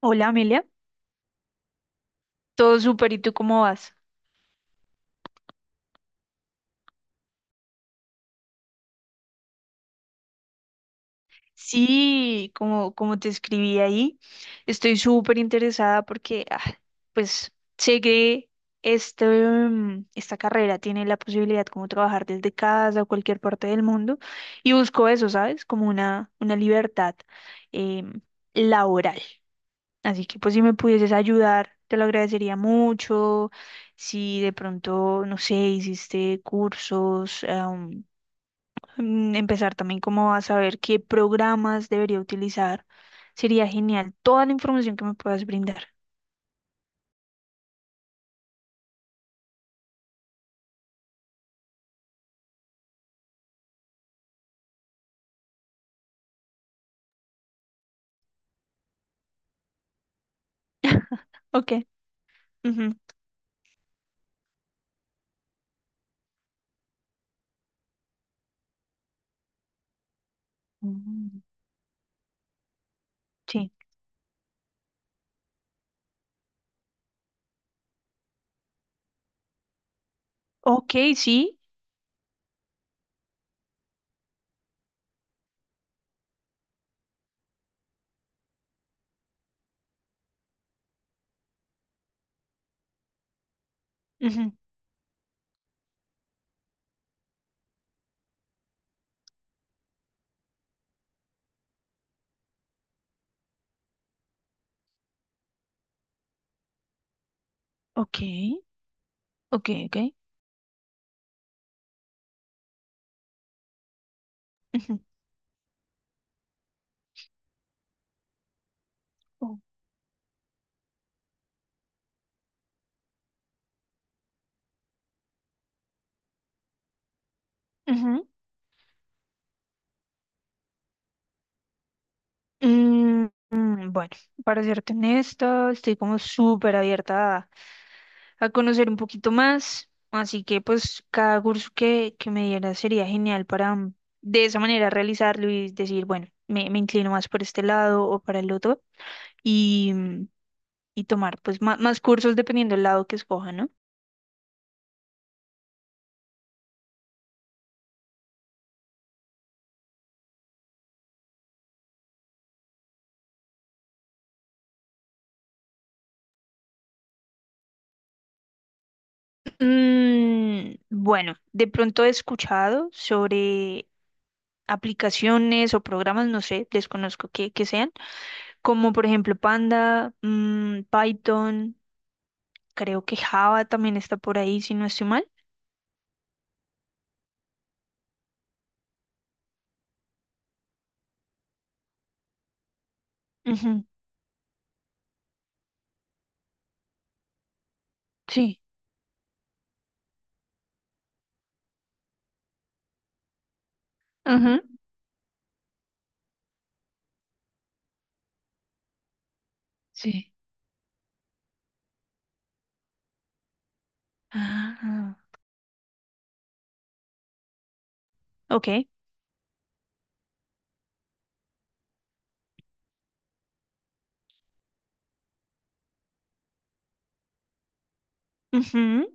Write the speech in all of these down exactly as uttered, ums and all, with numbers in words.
Hola Amelia, todo súper, ¿y tú cómo vas? Sí, como, como te escribí ahí, estoy súper interesada porque ah, pues sé que este, mm, esta carrera tiene la posibilidad como trabajar desde casa o cualquier parte del mundo y busco eso, ¿sabes? Como una, una libertad em, laboral. Así que pues si me pudieses ayudar, te lo agradecería mucho. Si de pronto, no sé, hiciste cursos. Mm, empezar también como a saber qué programas debería utilizar. Sería genial toda la información que me puedas brindar. Ok. Ujú. Mm. Sí. Ok, sí. Ujú. Ok. Ok, ok. Ujú. Oh. Ujú. Mm, mm, bueno, para serte honesta, estoy como súper abierta a conocer un poquito más. Así que pues cada curso que, que me diera sería genial para mm, de esa manera realizarlo y decir, bueno, me, me inclino más por este lado o para el otro y, mm, y tomar pues ma- más, cursos dependiendo del lado que escoja, ¿no? Mm, bueno, de pronto he escuchado sobre aplicaciones o programas, no sé, desconozco qué, qué sean como por ejemplo Panda, mm, Python, creo que Java también está por ahí, si no estoy mal. Sí, ajá, sí. Ah, ok. Ujú,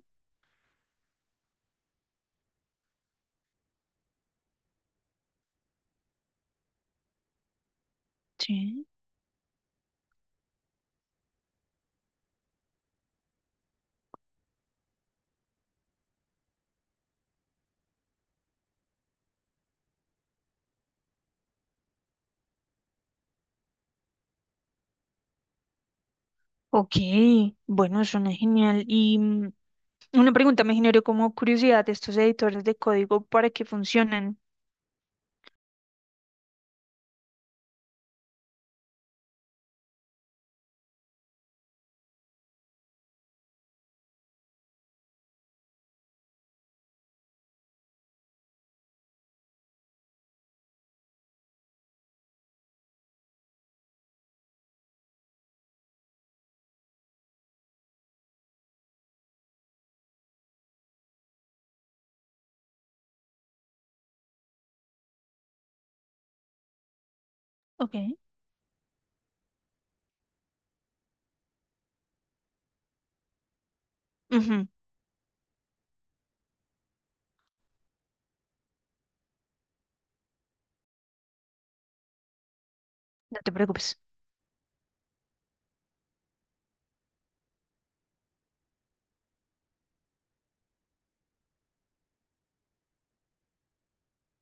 sí. Ok, bueno, suena genial. Y mm, una pregunta me generó como curiosidad, ¿estos editores de código para qué funcionan? Ok. Ujú. No te preocupes.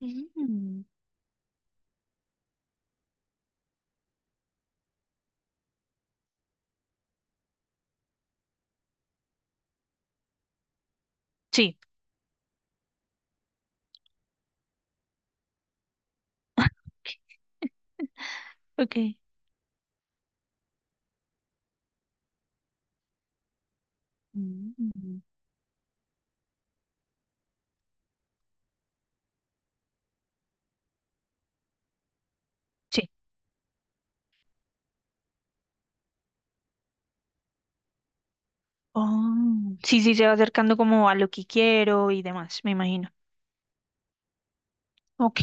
Mm. Sí, ok. Mm. Sí. Oh, sí, sí, se va acercando como a lo que quiero y demás, me imagino. Ok,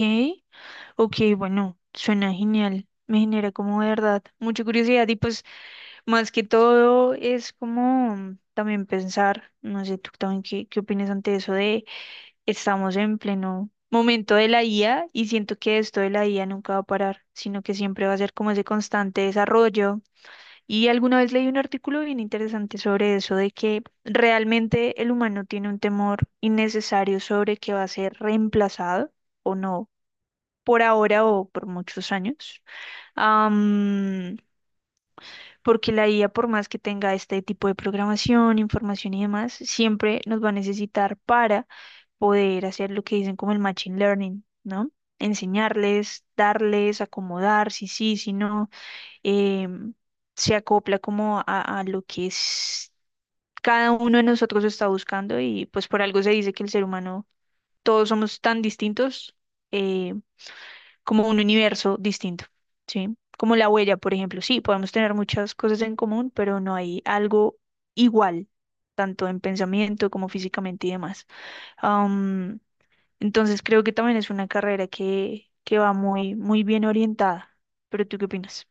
ok, bueno, suena genial. Me genera como de verdad mucha curiosidad y pues... Más que todo es como también pensar, no sé, tú también qué, qué opinas ante eso de estamos en pleno momento de la I A y siento que esto de la I A nunca va a parar, sino que siempre va a ser como ese constante desarrollo. Y alguna vez leí un artículo bien interesante sobre eso, de que realmente el humano tiene un temor innecesario sobre que va a ser reemplazado o no, por ahora o por muchos años porque la I A, por más que tenga este tipo de programación, información y demás, siempre nos va a necesitar para poder hacer lo que dicen como el machine learning, ¿no? Enseñarles, darles, acomodar, si sí, si no, em, se acopla como a, a lo que es cada uno de nosotros está buscando y pues por algo se dice que el ser humano, todos somos tan distintos. eh, Como un universo distinto, ¿sí? Como la huella, por ejemplo. Sí, podemos tener muchas cosas en común, pero no hay algo igual, tanto en pensamiento como físicamente y demás. Am, entonces creo que también es una carrera que, que va muy, muy bien orientada. ¿Pero tú qué opinas?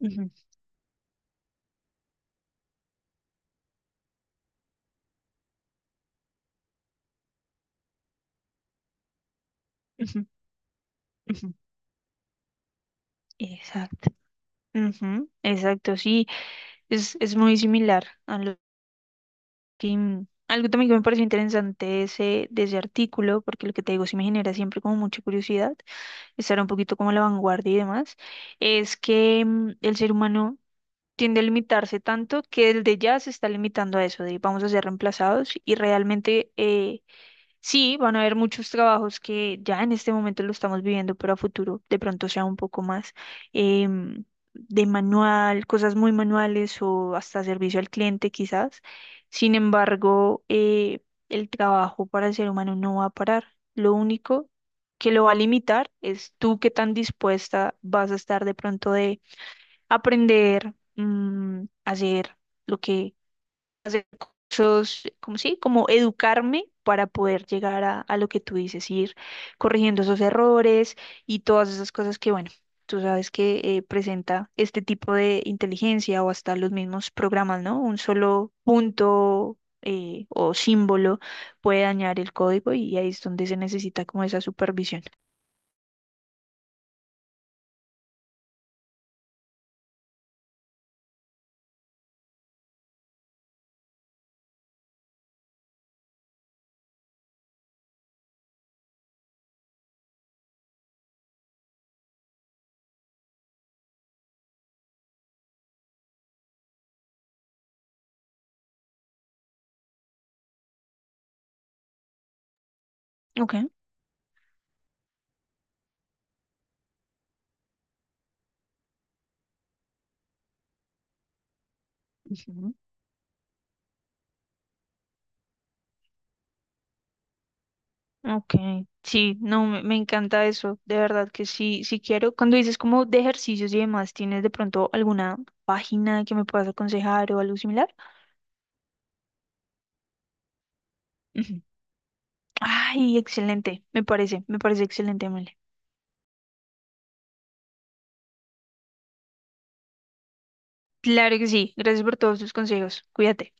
Ujú, ujú, ujú. Exacto. Ujú, exacto, sí, es, es muy similar a lo que... mm, Algo también que me pareció interesante de ese, de ese artículo, porque lo que te digo sí me genera siempre como mucha curiosidad, estar un poquito como a la vanguardia y demás, es que mm, el ser humano tiende a limitarse tanto que el de ya se está limitando a eso, de vamos a ser reemplazados y realmente... eh, sí, van a haber muchos trabajos que ya en este momento lo estamos viviendo, pero a futuro de pronto sea un poco más em, de manual, cosas muy manuales o hasta servicio al cliente quizás. Sin embargo, eh, el trabajo para el ser humano no va a parar. Lo único que lo va a limitar es tú qué tan dispuesta vas a estar de pronto de aprender, mm, hacer. Lo que Hacer cosas, como sí, como educarme para poder llegar a, a lo que tú dices, ir corrigiendo esos errores y todas esas cosas que, bueno, tú sabes que eh, presenta este tipo de inteligencia o hasta los mismos programas, ¿no? Un solo punto. Eh, o símbolo puede dañar el código y ahí es donde se necesita como esa supervisión. Ok. Ok, sí, no, me, me encanta eso, de verdad que sí, sí quiero. Cuando dices como de ejercicios y demás, ¿tienes de pronto alguna página que me puedas aconsejar o algo similar? Ujú. Ay, excelente, me parece, me parece excelente, Male. Claro que sí, gracias por todos tus consejos, cuídate.